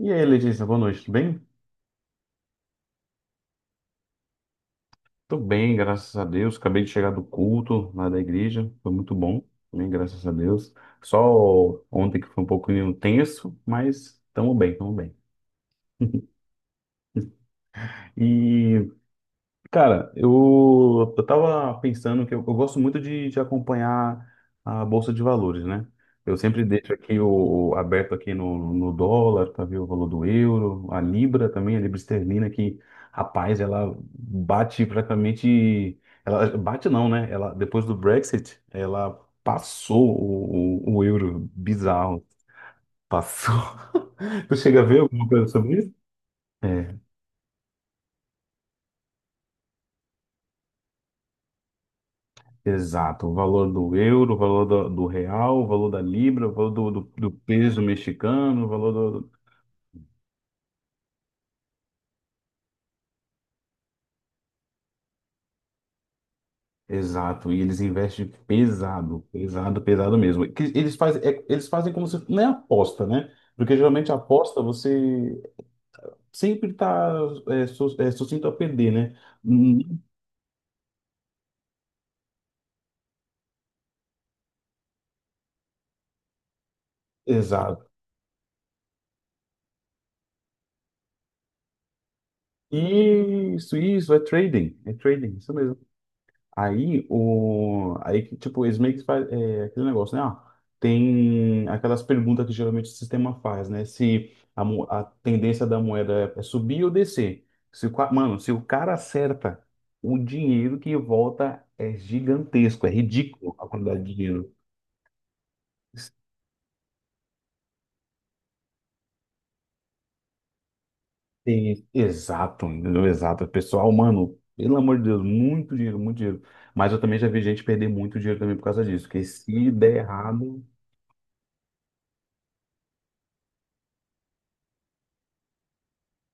E aí, Letícia, boa noite, tudo bem? Tô bem, graças a Deus. Acabei de chegar do culto lá da igreja, foi muito bom, bem, graças a Deus. Só ontem que foi um pouquinho tenso, mas estamos bem, estamos bem. E cara, eu tava pensando que eu gosto muito de acompanhar a Bolsa de Valores, né? Eu sempre deixo aqui o, aberto aqui no, no dólar para ver o valor do euro, a Libra também, a Libra esterlina, que, rapaz, ela bate praticamente. Ela bate não, né? Ela, depois do Brexit, ela passou o, o euro. Bizarro. Passou. Tu chega a ver alguma coisa sobre isso? É. Exato, o valor do euro, o valor do real, o valor da libra, o valor do peso mexicano, o valor do... do. Exato, e eles investem pesado, pesado, pesado mesmo. Que eles fazem, eles fazem como se... Não é aposta, né? Porque geralmente a aposta você sempre está sucinto a perder, né? Hum. Exato. Isso, é trading, isso mesmo. Aí, o... aí, que, tipo, eles meio que fazem é, aquele negócio, né? Ah, tem aquelas perguntas que geralmente o sistema faz, né? Se a, a tendência da moeda é subir ou descer. Se o... mano, se o cara acerta, o dinheiro que volta é gigantesco, é ridículo a quantidade de dinheiro. Sim, exato, entendeu? Exato. Pessoal, mano, pelo amor de Deus, muito dinheiro, muito dinheiro. Mas eu também já vi gente perder muito dinheiro também por causa disso, porque se der errado.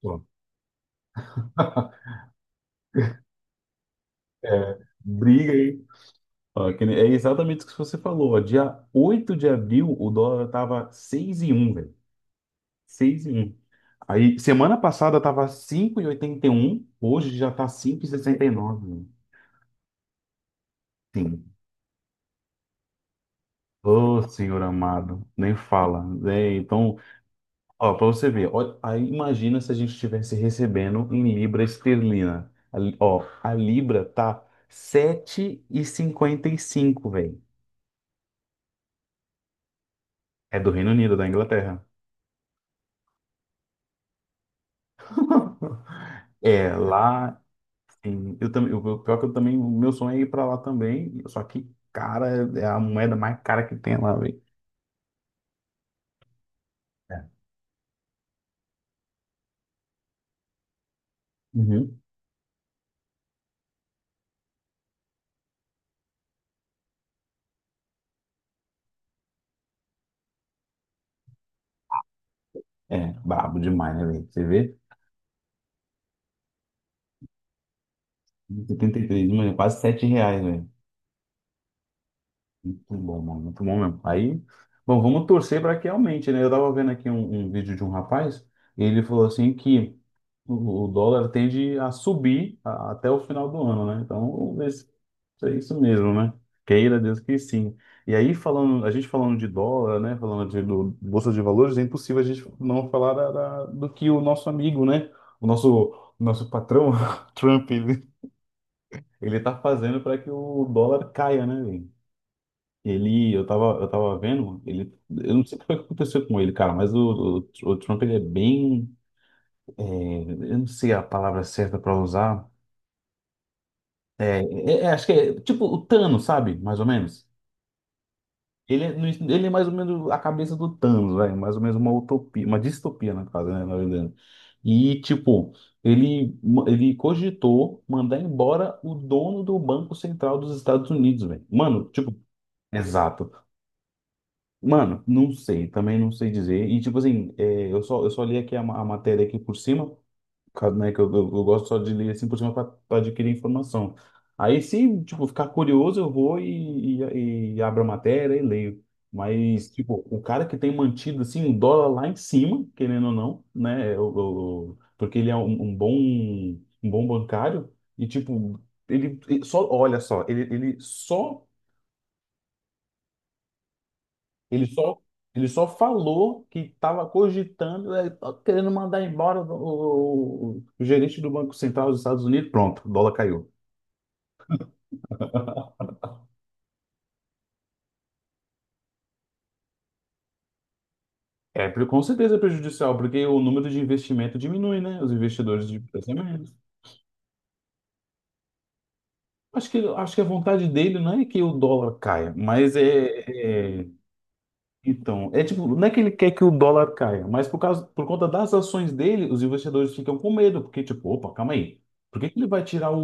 Pô. É, briga aí. Ó, que nem- é exatamente o que você falou. Ó, dia 8 de abril, o dólar tava 6,1, velho. Seis e um. Aí, semana passada tava cinco e oitenta e um. Hoje já tá 5,69, velho. Sim. Ô, senhor amado. Nem fala, né? Então, ó, para você ver. Ó, aí, imagina se a gente estivesse recebendo em libra esterlina. A, ó, a libra tá sete e cinquenta e cinco, velho. É do Reino Unido, da Inglaterra. É, lá, eu também, o pior que eu também, o meu sonho é ir pra lá também, só que, cara, é a moeda mais cara que tem lá, velho. É. Uhum. É, brabo demais, né, velho? Você vê? Setenta e três, mano, é quase 7 reais. Muito bom, mano, muito bom mesmo. Aí, bom, vamos torcer para que aumente, né? Eu tava vendo aqui um, um vídeo de um rapaz, e ele falou assim que o, dólar tende a subir até o final do ano, né? Então, vamos ver se se é isso mesmo, né? Queira Deus que sim. E aí, falando, a gente falando de dólar, né? Falando de do, bolsa de valores, é impossível a gente não falar da, do que o nosso amigo, né? O nosso, nosso patrão, Trump, ele tá fazendo para que o dólar caia, né, velho? Ele, eu tava vendo, ele, eu não sei o que foi que aconteceu com ele, cara, mas o, o Trump, ele é bem, é, eu não sei a palavra certa para usar, acho que é tipo o Thanos, sabe, mais ou menos. Ele, ele é mais ou menos a cabeça do Thanos, vai, mais ou menos uma utopia, uma distopia, na casa, né, na verdade. E, tipo, ele, ele cogitou mandar embora o dono do Banco Central dos Estados Unidos, velho. Mano, tipo, exato. Mano, não sei, também não sei dizer. E tipo assim, é, eu só li aqui a, a matéria aqui por cima, por causa, né, que eu gosto só de ler assim por cima para adquirir informação. Aí se, tipo, ficar curioso, eu vou e, e abro a matéria e leio. Mas, tipo, o cara que tem mantido, assim, o dólar lá em cima, querendo ou não, né, porque ele é um, um bom bancário e, tipo, ele, olha só, ele só ele só, ele só falou que estava cogitando, tá querendo mandar embora o, o gerente do Banco Central dos Estados Unidos. Pronto, o dólar caiu. É, com certeza é prejudicial, porque o número de investimento diminui, né? Os investidores de crescem. Acho que a vontade dele não é que o dólar caia, mas então, é tipo, não é que ele quer que o dólar caia, mas por causa, por conta das ações dele, os investidores ficam com medo, porque, tipo, opa, calma aí. Por que que ele vai tirar o,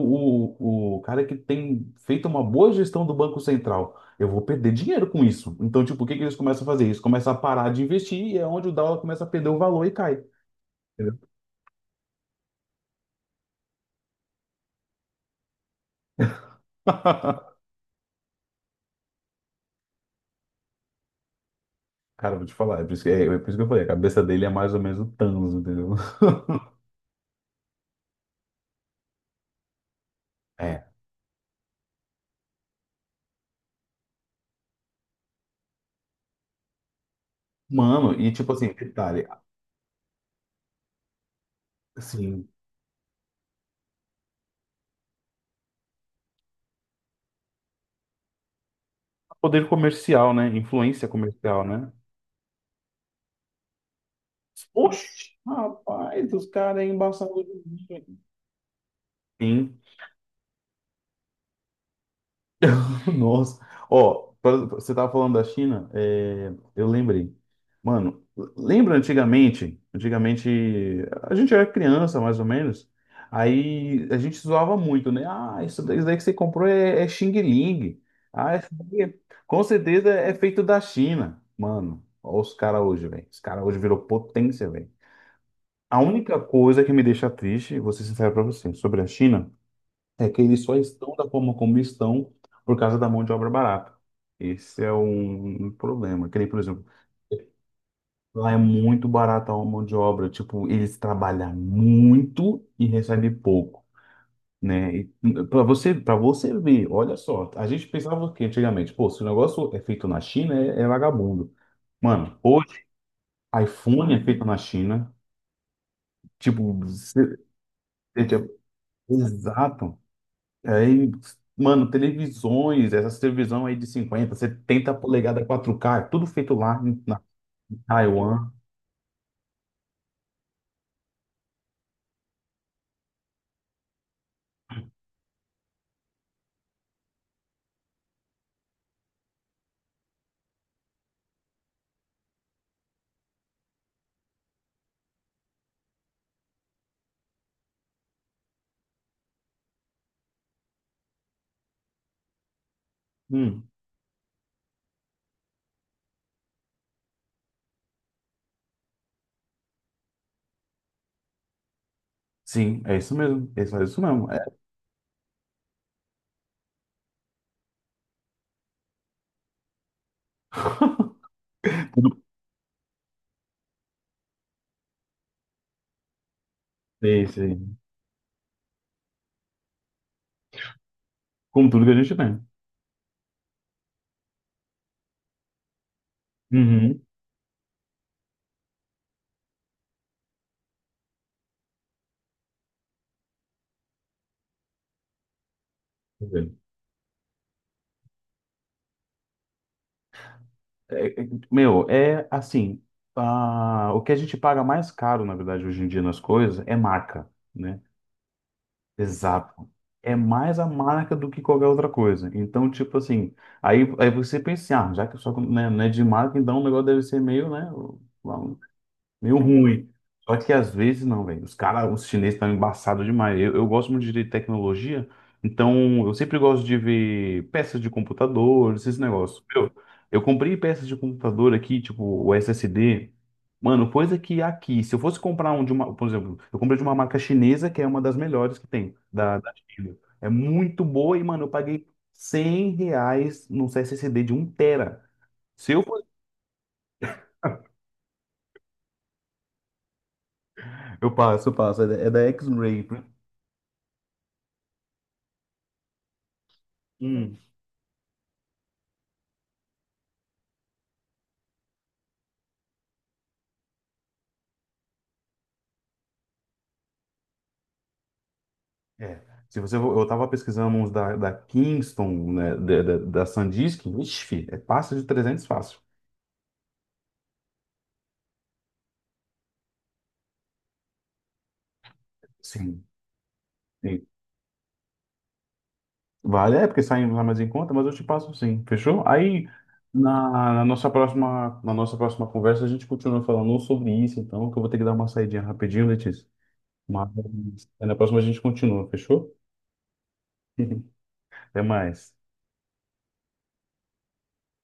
o cara que tem feito uma boa gestão do Banco Central? Eu vou perder dinheiro com isso. Então, tipo, o que que eles começam a fazer? Eles começam a parar de investir e é onde o dólar começa a perder o valor e cai. Entendeu? Cara, eu vou te falar, é por isso que, por isso que eu falei, a cabeça dele é mais ou menos o Thanos, entendeu? É. Mano, e tipo assim, detalhe, assim, poder comercial, né? Influência comercial, né? Oxe, rapaz, os caras aí embaçaram o joguinho. Sim. Nossa. Ó, você tava falando da China, é, eu lembrei. Mano, lembra antigamente? Antigamente, a gente era criança, mais ou menos. Aí a gente zoava muito, né? Ah, isso daí que você comprou é, é Xing Ling. Ah, com certeza é feito da China. Mano, ó os caras hoje, velho. Os caras hoje virou potência, velho. A única coisa que me deixa triste, vou ser sincero para você, sobre a China, é que eles só estão da forma como estão por causa da mão de obra barata. Esse é um problema. Que nem, por exemplo, lá é muito barata a mão de obra. Tipo, eles trabalham muito e recebem pouco, né? Para você, para você ver, olha só, a gente pensava o quê antigamente? Pô, se o negócio é feito na China, é, é vagabundo. Mano, hoje, iPhone é feito na China. Tipo, você- exato. Aí, mano, televisões, essas televisão aí de 50, 70 polegadas 4K é tudo feito lá na Taiwan. Hum, sim, é isso mesmo. É isso mesmo. É tudo, é isso aí. Com tudo que a gente tem. Uhum. É, é, meu, é assim, ah, o que a gente paga mais caro, na verdade, hoje em dia nas coisas é marca, né? Exato. É mais a marca do que qualquer outra coisa. Então, tipo assim, aí, aí você pensa, assim, ah, já que só, né, não é de marca, então o negócio deve ser meio, né? Meio ruim. Só que às vezes não, velho. Os caras, os chineses estão embaçados demais. Eu gosto muito de tecnologia, então eu sempre gosto de ver peças de computador, esses negócios. Eu comprei peças de computador aqui, tipo o SSD. Mano, coisa que aqui, se eu fosse comprar um de uma, por exemplo, eu comprei de uma marca chinesa que é uma das melhores que tem, da China. É muito boa e, mano, eu paguei 100 reais num SSD de um tera. Se eu fosse. Eu passo, eu passo. É da X-Ray. É. Se você, eu estava pesquisando uns da, Kingston, né, da Sandisk, ixi, fi, é passa de 300 fácil. Sim. Sim. Vale, é porque saem lá mais em conta, mas eu te passo sim, fechou? Aí, na nossa próxima conversa, a gente continua falando sobre isso, então, que eu vou ter que dar uma saidinha rapidinho, Letícia. Mas na próxima a gente continua, fechou? Até mais.